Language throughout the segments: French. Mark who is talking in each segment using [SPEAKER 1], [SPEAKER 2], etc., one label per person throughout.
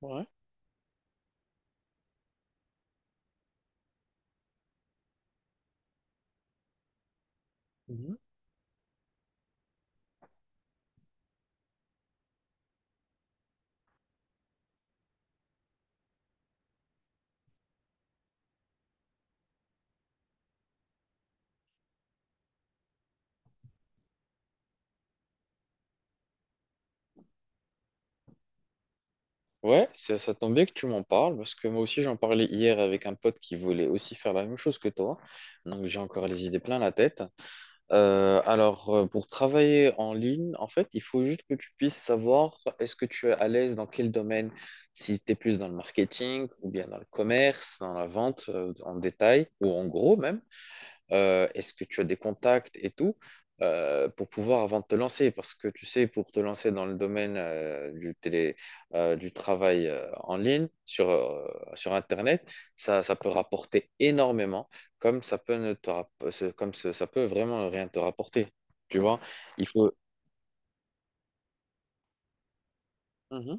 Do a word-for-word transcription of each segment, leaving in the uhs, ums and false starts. [SPEAKER 1] Ouais. Mhm. Ouais, ça, ça tombe bien que tu m'en parles parce que moi aussi j'en parlais hier avec un pote qui voulait aussi faire la même chose que toi. Donc j'ai encore les idées plein la tête. Euh, alors euh, pour travailler en ligne, en fait, il faut juste que tu puisses savoir est-ce que tu es à l'aise dans quel domaine, si tu es plus dans le marketing ou bien dans le commerce, dans la vente euh, en détail ou en gros même. Euh, est-ce que tu as des contacts et tout euh, pour pouvoir avant de te lancer parce que tu sais pour te lancer dans le domaine euh, du télé euh, du travail euh, en ligne sur euh, sur Internet ça, ça peut rapporter énormément comme ça peut ne te rapp- ce- comme ce- ça peut vraiment rien te rapporter, tu vois, il faut… Mhm.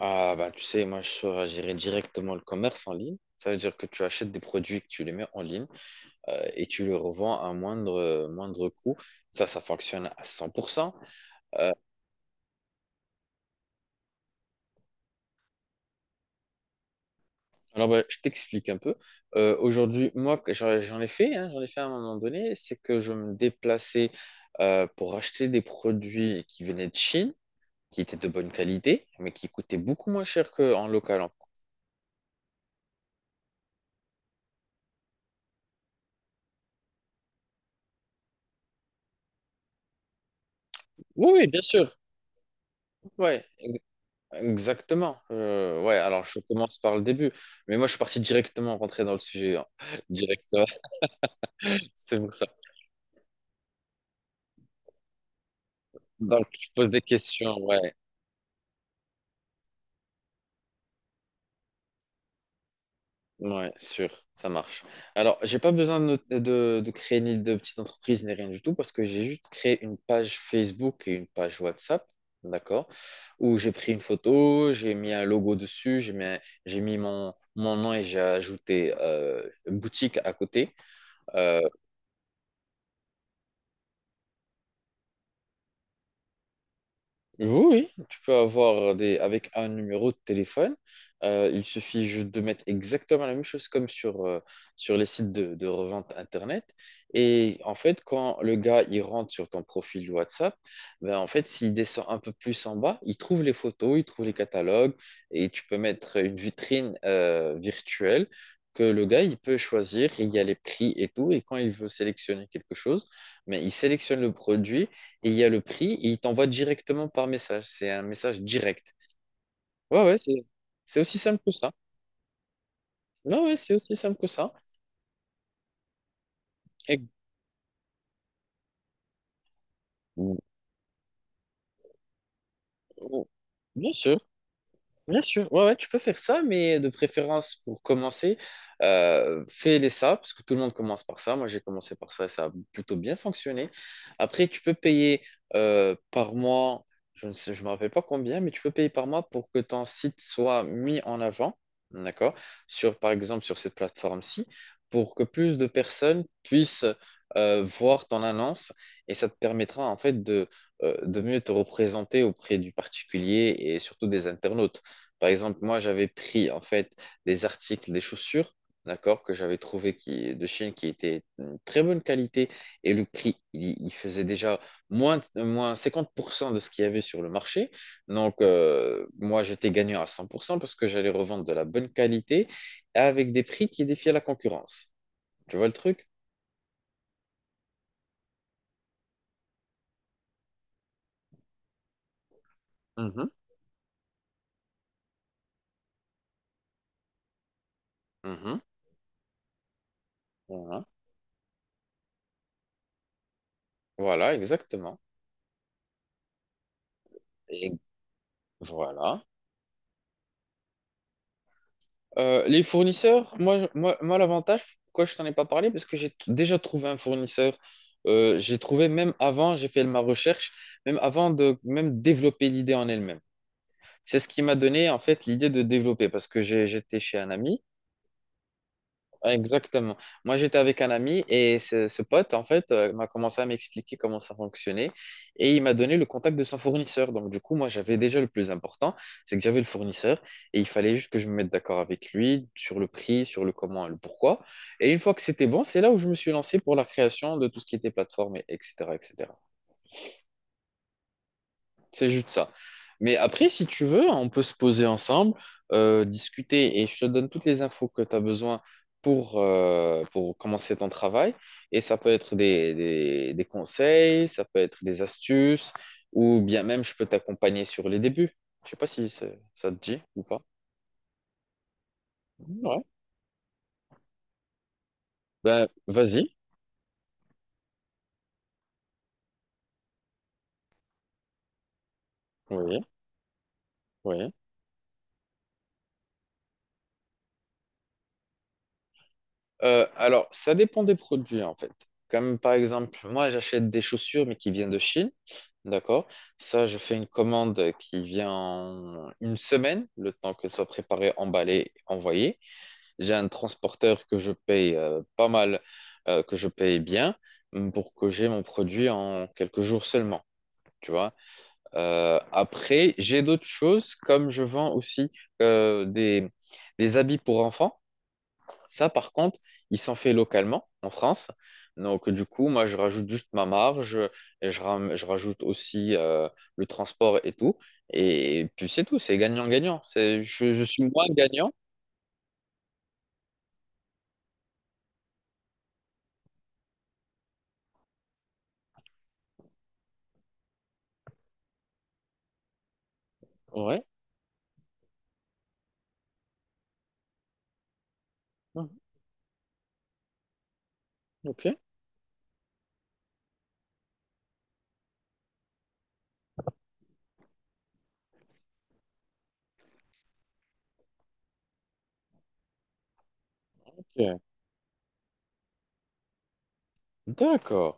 [SPEAKER 1] Ah bah tu sais moi je choisirais directement le commerce en ligne, ça veut dire que tu achètes des produits que tu les mets en ligne euh, et tu le revends à un moindre, euh, moindre coût. Ça, ça fonctionne à cent pour cent. Euh, alors, bah, je t'explique un peu. Euh, aujourd'hui, moi, que j'en j'en ai fait, hein, j'en ai fait à un moment donné, c'est que je me déplaçais euh, pour acheter des produits qui venaient de Chine, qui étaient de bonne qualité, mais qui coûtaient beaucoup moins cher qu'en local, en France. Oui, oui, bien sûr. Ouais, ex- Exactement. Euh, ouais, alors je commence par le début. Mais moi, je suis parti directement rentrer dans le sujet, hein, directement. C'est pour ça. Donc, je pose des questions, ouais, ouais, sûr, ça marche. Alors, j'ai pas besoin de, not- de, de créer ni de petite entreprise ni rien du tout parce que j'ai juste créé une page Facebook et une page WhatsApp, d'accord, où j'ai pris une photo, j'ai mis un logo dessus, j'ai mis, un- j'ai mis mon, mon nom et j'ai ajouté euh, boutique à côté. euh, Oui, oui, tu peux avoir des avec un numéro de téléphone. Euh, il suffit juste de mettre exactement la même chose comme sur, euh, sur les sites de, de revente Internet. Et en fait, quand le gars il rentre sur ton profil WhatsApp, ben en fait, s'il descend un peu plus en bas, il trouve les photos, il trouve les catalogues et tu peux mettre une vitrine euh, virtuelle que le gars il peut choisir. Et il y a les prix et tout. Et quand il veut sélectionner quelque chose, mais il sélectionne le produit et il y a le prix, et il t'envoie directement par message. C'est un message direct. Ouais, ouais, c'est c'est aussi simple que ça. Non, ouais, c'est aussi simple que ça. Et- Bien sûr. Bien sûr, ouais, ouais, tu peux faire ça, mais de préférence pour commencer, euh, fais-les ça, parce que tout le monde commence par ça. Moi, j'ai commencé par ça et ça a plutôt bien fonctionné. Après, tu peux payer euh, par mois, je ne sais, je me rappelle pas combien, mais tu peux payer par mois pour que ton site soit mis en avant, d'accord? Sur, par exemple, sur cette plateforme-ci, pour que plus de personnes puissent euh, voir ton annonce et ça te permettra en fait de, euh, de mieux te représenter auprès du particulier et surtout des internautes. Par exemple, moi, j'avais pris en fait des articles, des chaussures, d'accord, que j'avais trouvé qui, de Chine qui étaient de très bonne qualité et le prix, il, il faisait déjà moins, moins cinquante pour cent de ce qu'il y avait sur le marché. Donc, euh, moi, j'étais gagnant à cent pour cent parce que j'allais revendre de la bonne qualité avec des prix qui défiaient la concurrence. Tu vois le truc? Mhm, mhm, voilà. Voilà, exactement. Et voilà. Euh, les fournisseurs, moi, moi, moi l'avantage, pourquoi je t'en ai pas parlé, parce que j'ai t- déjà trouvé un fournisseur. Euh, j'ai trouvé même avant, j'ai fait ma recherche, même avant de même développer l'idée en elle-même. C'est ce qui m'a donné en fait l'idée de développer, parce que j'ai- j'étais chez un ami… Exactement. Moi, j'étais avec un ami et ce, ce pote, en fait, euh, m'a commencé à m'expliquer comment ça fonctionnait et il m'a donné le contact de son fournisseur. Donc, du coup, moi, j'avais déjà le plus important, c'est que j'avais le fournisseur et il fallait juste que je me mette d'accord avec lui sur le prix, sur le comment et le pourquoi. Et une fois que c'était bon, c'est là où je me suis lancé pour la création de tout ce qui était plateforme, et etc., et cætera. C'est juste ça. Mais après, si tu veux, on peut se poser ensemble, euh, discuter et je te donne toutes les infos que tu as besoin pour, euh, pour commencer ton travail. Et ça peut être des, des- des conseils, ça peut être des astuces, ou bien même je peux t'accompagner sur les débuts. Je sais pas si ça ça te dit ou pas. Ouais. Ben, vas-y. Oui, oui. Euh, alors, ça dépend des produits en fait. Comme par exemple, moi j'achète des chaussures mais qui viennent de Chine, d'accord? Ça, je fais une commande qui vient en une semaine, le temps qu'elle soit préparée, emballée, envoyée. J'ai un transporteur que je paye euh, pas mal, euh, que je paye bien, mm, pour que j'ai mon produit en quelques jours seulement. Tu vois. Euh, après, j'ai d'autres choses, comme je vends aussi euh, des, des habits pour enfants. Ça, par contre, il s'en fait localement en France. Donc, du coup, moi, je rajoute juste ma marge et je, ram- je rajoute aussi euh, le transport et tout. Et puis, c'est tout, c'est gagnant-gagnant. C'est, je, je suis moins gagnant. Ouais. Mhm. Ok. Ok. D'accord.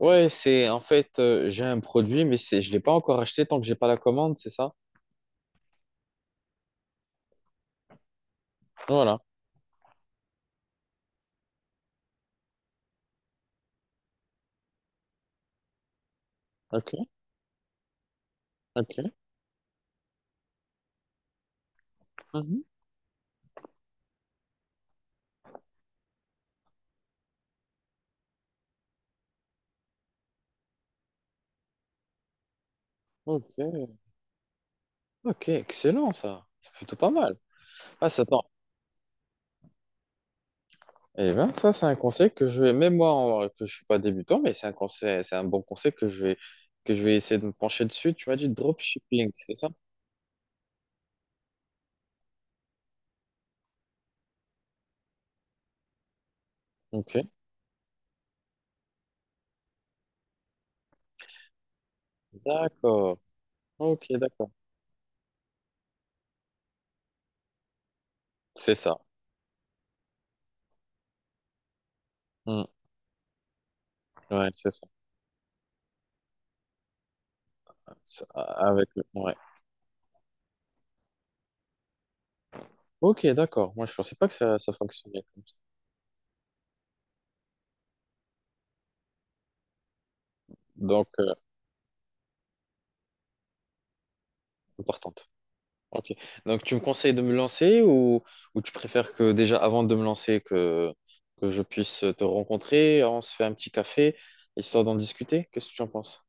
[SPEAKER 1] Ouais, c'est en fait, euh, j'ai un produit, mais c'est, je ne l'ai pas encore acheté tant que j'ai pas la commande, c'est ça? Voilà. Ok. Ok. Mhm. Ok. Ok. Excellent, ça. C'est plutôt pas mal. Ah, ça… Eh bien, ça, c'est un conseil que je vais, même moi, en- que je suis pas débutant, mais c'est un conseil, c'est un bon conseil que je vais, que je vais essayer de me pencher dessus. Tu m'as dit dropshipping, c'est ça? Ok. D'accord. Ok, d'accord. C'est ça. Hmm. Ouais, c'est ça. Ça, avec le… Ouais. Ok, d'accord. Moi, je pensais pas que ça, ça fonctionnait comme ça. Donc, euh, Importante. Ok. Donc, tu me conseilles de me lancer ou, ou tu préfères que déjà, avant de me lancer, que, que je puisse te rencontrer, on se fait un petit café, histoire d'en discuter? Qu'est-ce que tu en penses?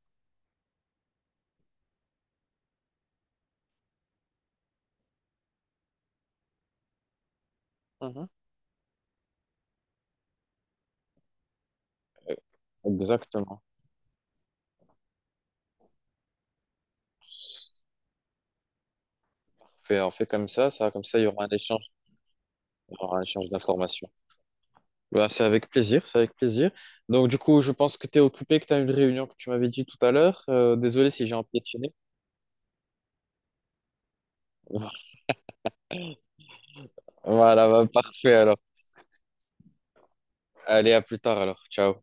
[SPEAKER 1] Mhm. Euh, Exactement. Fait- on fait comme ça, ça, comme ça, il y aura un échange, il y aura un échange d'informations. Bah, c'est avec plaisir, c'est avec plaisir. Donc, du coup, je pense que tu es occupé, que tu as une réunion que tu m'avais dit tout à l'heure. Euh, désolé si j'ai empiétiné. Voilà, bah, parfait alors. Allez, à plus tard alors. Ciao.